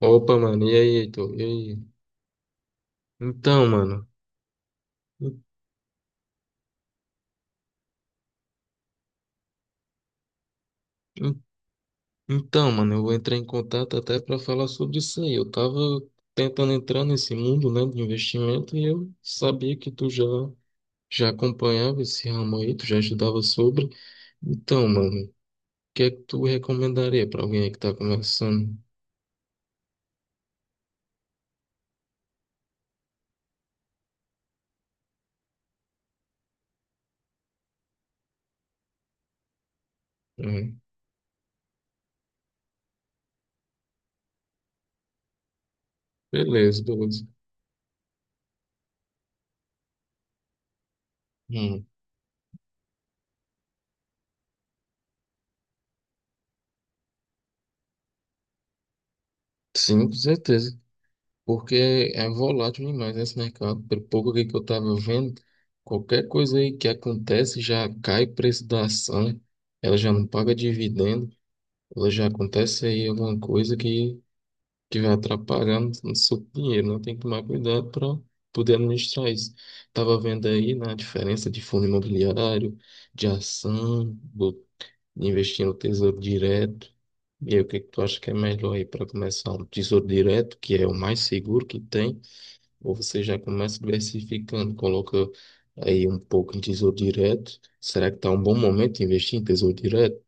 Opa, mano, e aí, Heitor? E aí? Então, mano, en- en- então, mano, eu vou entrar em contato até para falar sobre isso aí. Eu tava tentando entrar nesse mundo, né, de investimento e eu sabia que tu já acompanhava esse ramo aí, tu já estudava sobre. Então, mano, o que é que tu recomendaria para alguém aí que tá começando? Hum, beleza, beleza. Hum, sim, com certeza. Porque é volátil demais esse mercado. Pelo pouco aqui que eu estava vendo, qualquer coisa aí que acontece já cai o preço da ação, ela já não paga dividendo, ela já acontece aí alguma coisa que vai atrapalhando no seu dinheiro, né? Tem que tomar cuidado para poder administrar isso. Estava vendo aí na diferença de fundo imobiliário, de ação, investir no Tesouro Direto. E aí, o que que tu acha que é melhor aí para começar? Um tesouro direto, que é o mais seguro que tem, ou você já começa diversificando, coloca aí um pouco em tesouro direto. Será que está um bom momento de investir em tesouro direto?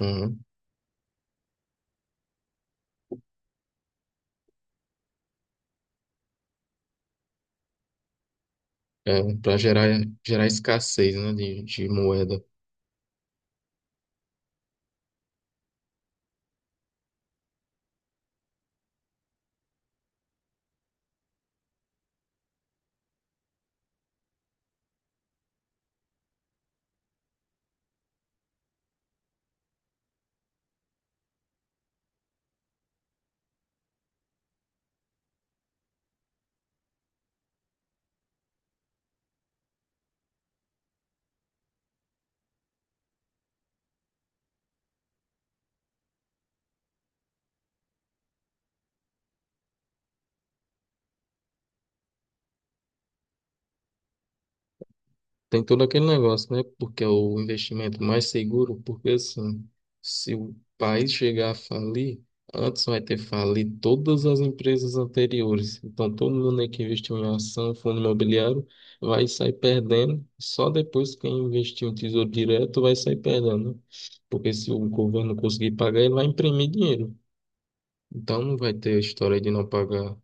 Uhum. É, para gerar, gerar escassez, né, de moeda. Tem todo aquele negócio, né? Porque é o investimento mais seguro, porque assim, se o país chegar a falir, antes vai ter falido todas as empresas anteriores. Então, todo mundo aí que investiu em ação, fundo imobiliário, vai sair perdendo. Só depois quem investiu em tesouro direto vai sair perdendo, né? Porque se o governo conseguir pagar, ele vai imprimir dinheiro. Então, não vai ter história de não pagar.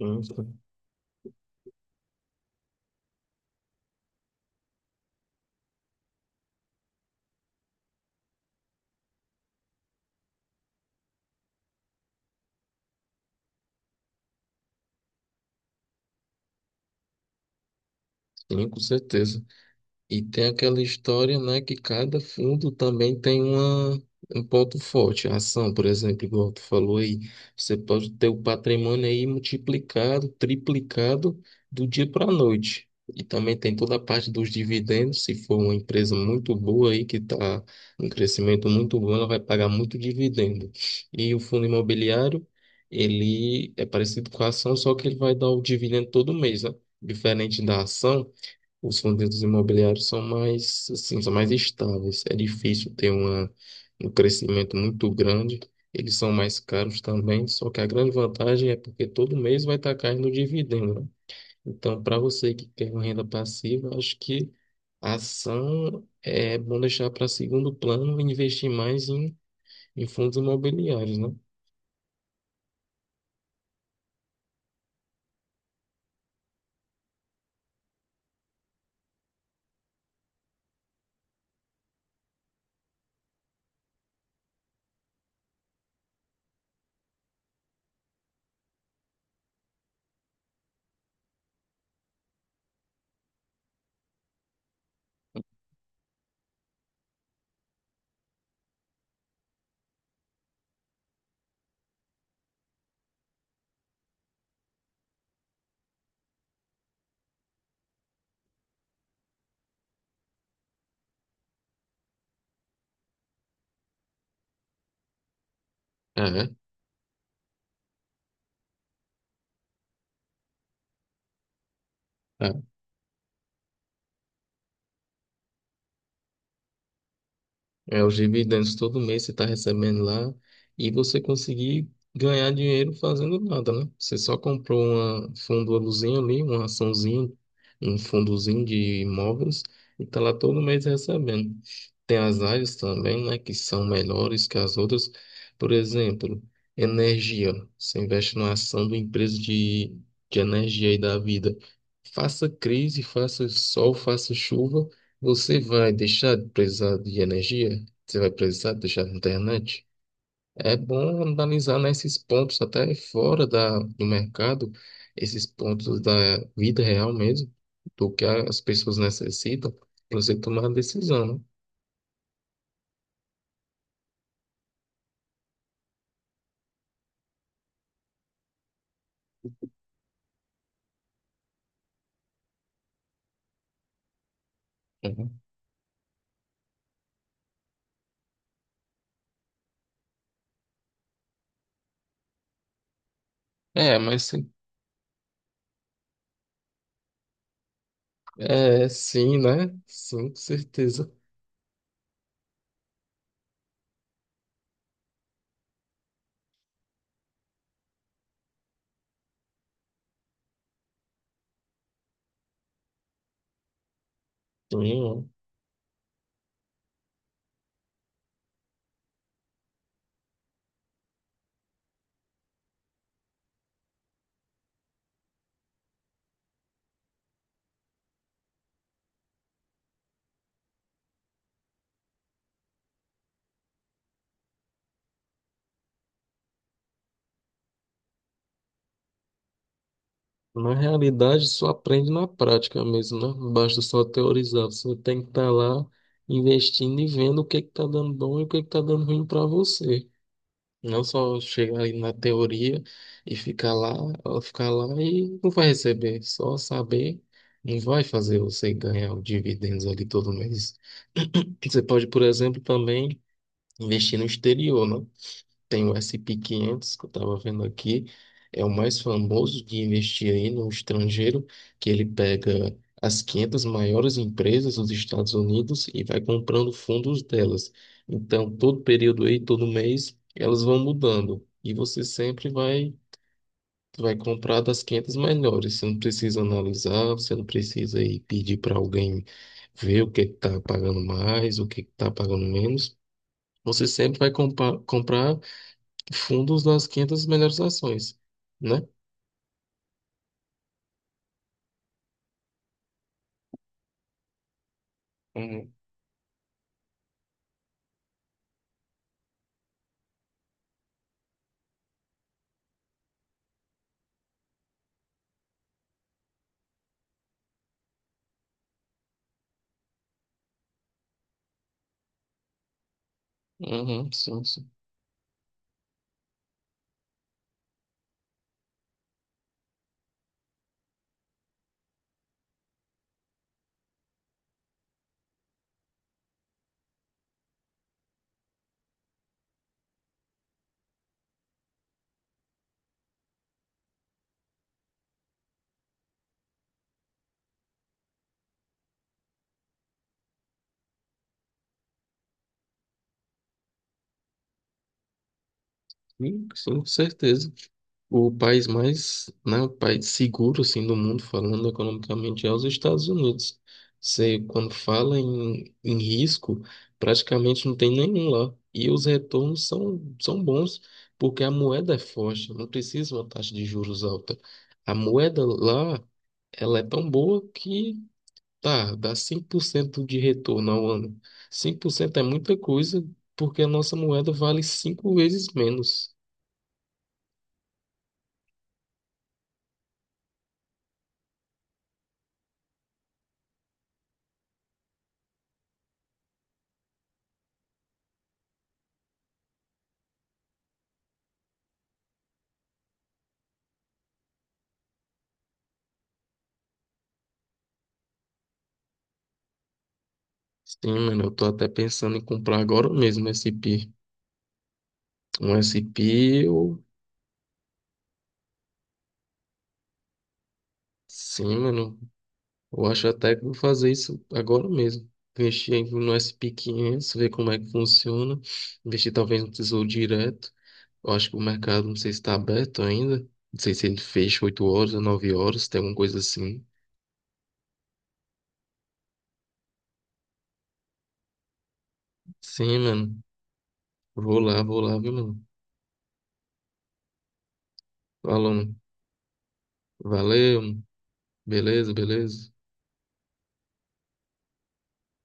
Sim, sim, com certeza. E tem aquela história, né, que cada fundo também tem um ponto forte. A ação, por exemplo, igual tu falou aí, você pode ter o patrimônio aí multiplicado, triplicado do dia para a noite. E também tem toda a parte dos dividendos. Se for uma empresa muito boa aí, que está em crescimento muito bom, ela vai pagar muito dividendo. E o fundo imobiliário, ele é parecido com a ação, só que ele vai dar o dividendo todo mês, né? Diferente da ação. Os fundos imobiliários são mais, assim, são mais estáveis. É difícil ter uma, um crescimento muito grande. Eles são mais caros também, só que a grande vantagem é porque todo mês vai estar caindo o dividendo, né? Então, para você que quer uma renda passiva, acho que a ação é bom deixar para segundo plano e investir mais em fundos imobiliários, né? Ah, é? É, os dividendos todo mês você está recebendo lá e você conseguir ganhar dinheiro fazendo nada, né? Você só comprou uma fundo-luzinha ali, uma açãozinha, um fundozinho de imóveis e está lá todo mês recebendo. Tem as áreas também, né, que são melhores que as outras. Por exemplo, energia. Você investe numa ação de empresa de energia e da vida. Faça crise, faça sol, faça chuva. Você vai deixar de precisar de energia? Você vai precisar deixar na internet. É bom analisar, né, esses pontos até fora do mercado, esses pontos da vida real mesmo, do que as pessoas necessitam para você tomar a decisão, né? Uhum. É, mas sim, é, sim, né? Sim, com certeza. Sim, é. Na realidade, só aprende na prática mesmo, né? Não basta só teorizar. Você tem que estar lá investindo e vendo o que que está dando bom e o que que está dando ruim para você. Não só chegar aí na teoria e ficar lá, ela ficar lá e não vai receber. Só saber não vai fazer você ganhar os dividendos ali todo mês. Você pode, por exemplo, também investir no exterior, né? Tem o SP500, que eu estava vendo aqui, é o mais famoso de investir aí no estrangeiro, que ele pega as 500 maiores empresas dos Estados Unidos e vai comprando fundos delas. Então, todo período aí, todo mês, elas vão mudando. E você sempre vai comprar das 500 melhores. Você não precisa analisar, você não precisa aí pedir para alguém ver o que está pagando mais, o que está pagando menos. Você sempre vai comprar fundos nas 500 melhores ações, né? Uhum. Uhum, sim, sim. Sim, sim, com certeza. O país mais, né, o país seguro, assim, do mundo, falando economicamente, é os Estados Unidos. Você, quando fala em risco, praticamente não tem nenhum lá. E os retornos são bons, porque a moeda é forte, não precisa uma taxa de juros alta. A moeda lá, ela é tão boa que. Tá, dá 5% de retorno ao ano. 5% é muita coisa, porque a nossa moeda vale 5 vezes menos. Sim, mano, eu tô até pensando em comprar agora mesmo esse SP. Um SP ou. Sim, mano, eu acho até que vou fazer isso agora mesmo. Investir aí no SP500 ver como é que funciona. Investir talvez no Tesouro Direto. Eu acho que o mercado, não sei se está aberto ainda. Não sei se ele fecha 8 horas ou 9 horas, tem alguma coisa assim. Sim, mano. Vou lá, viu, mano? Falou, mano. Valeu, mano. Beleza, beleza.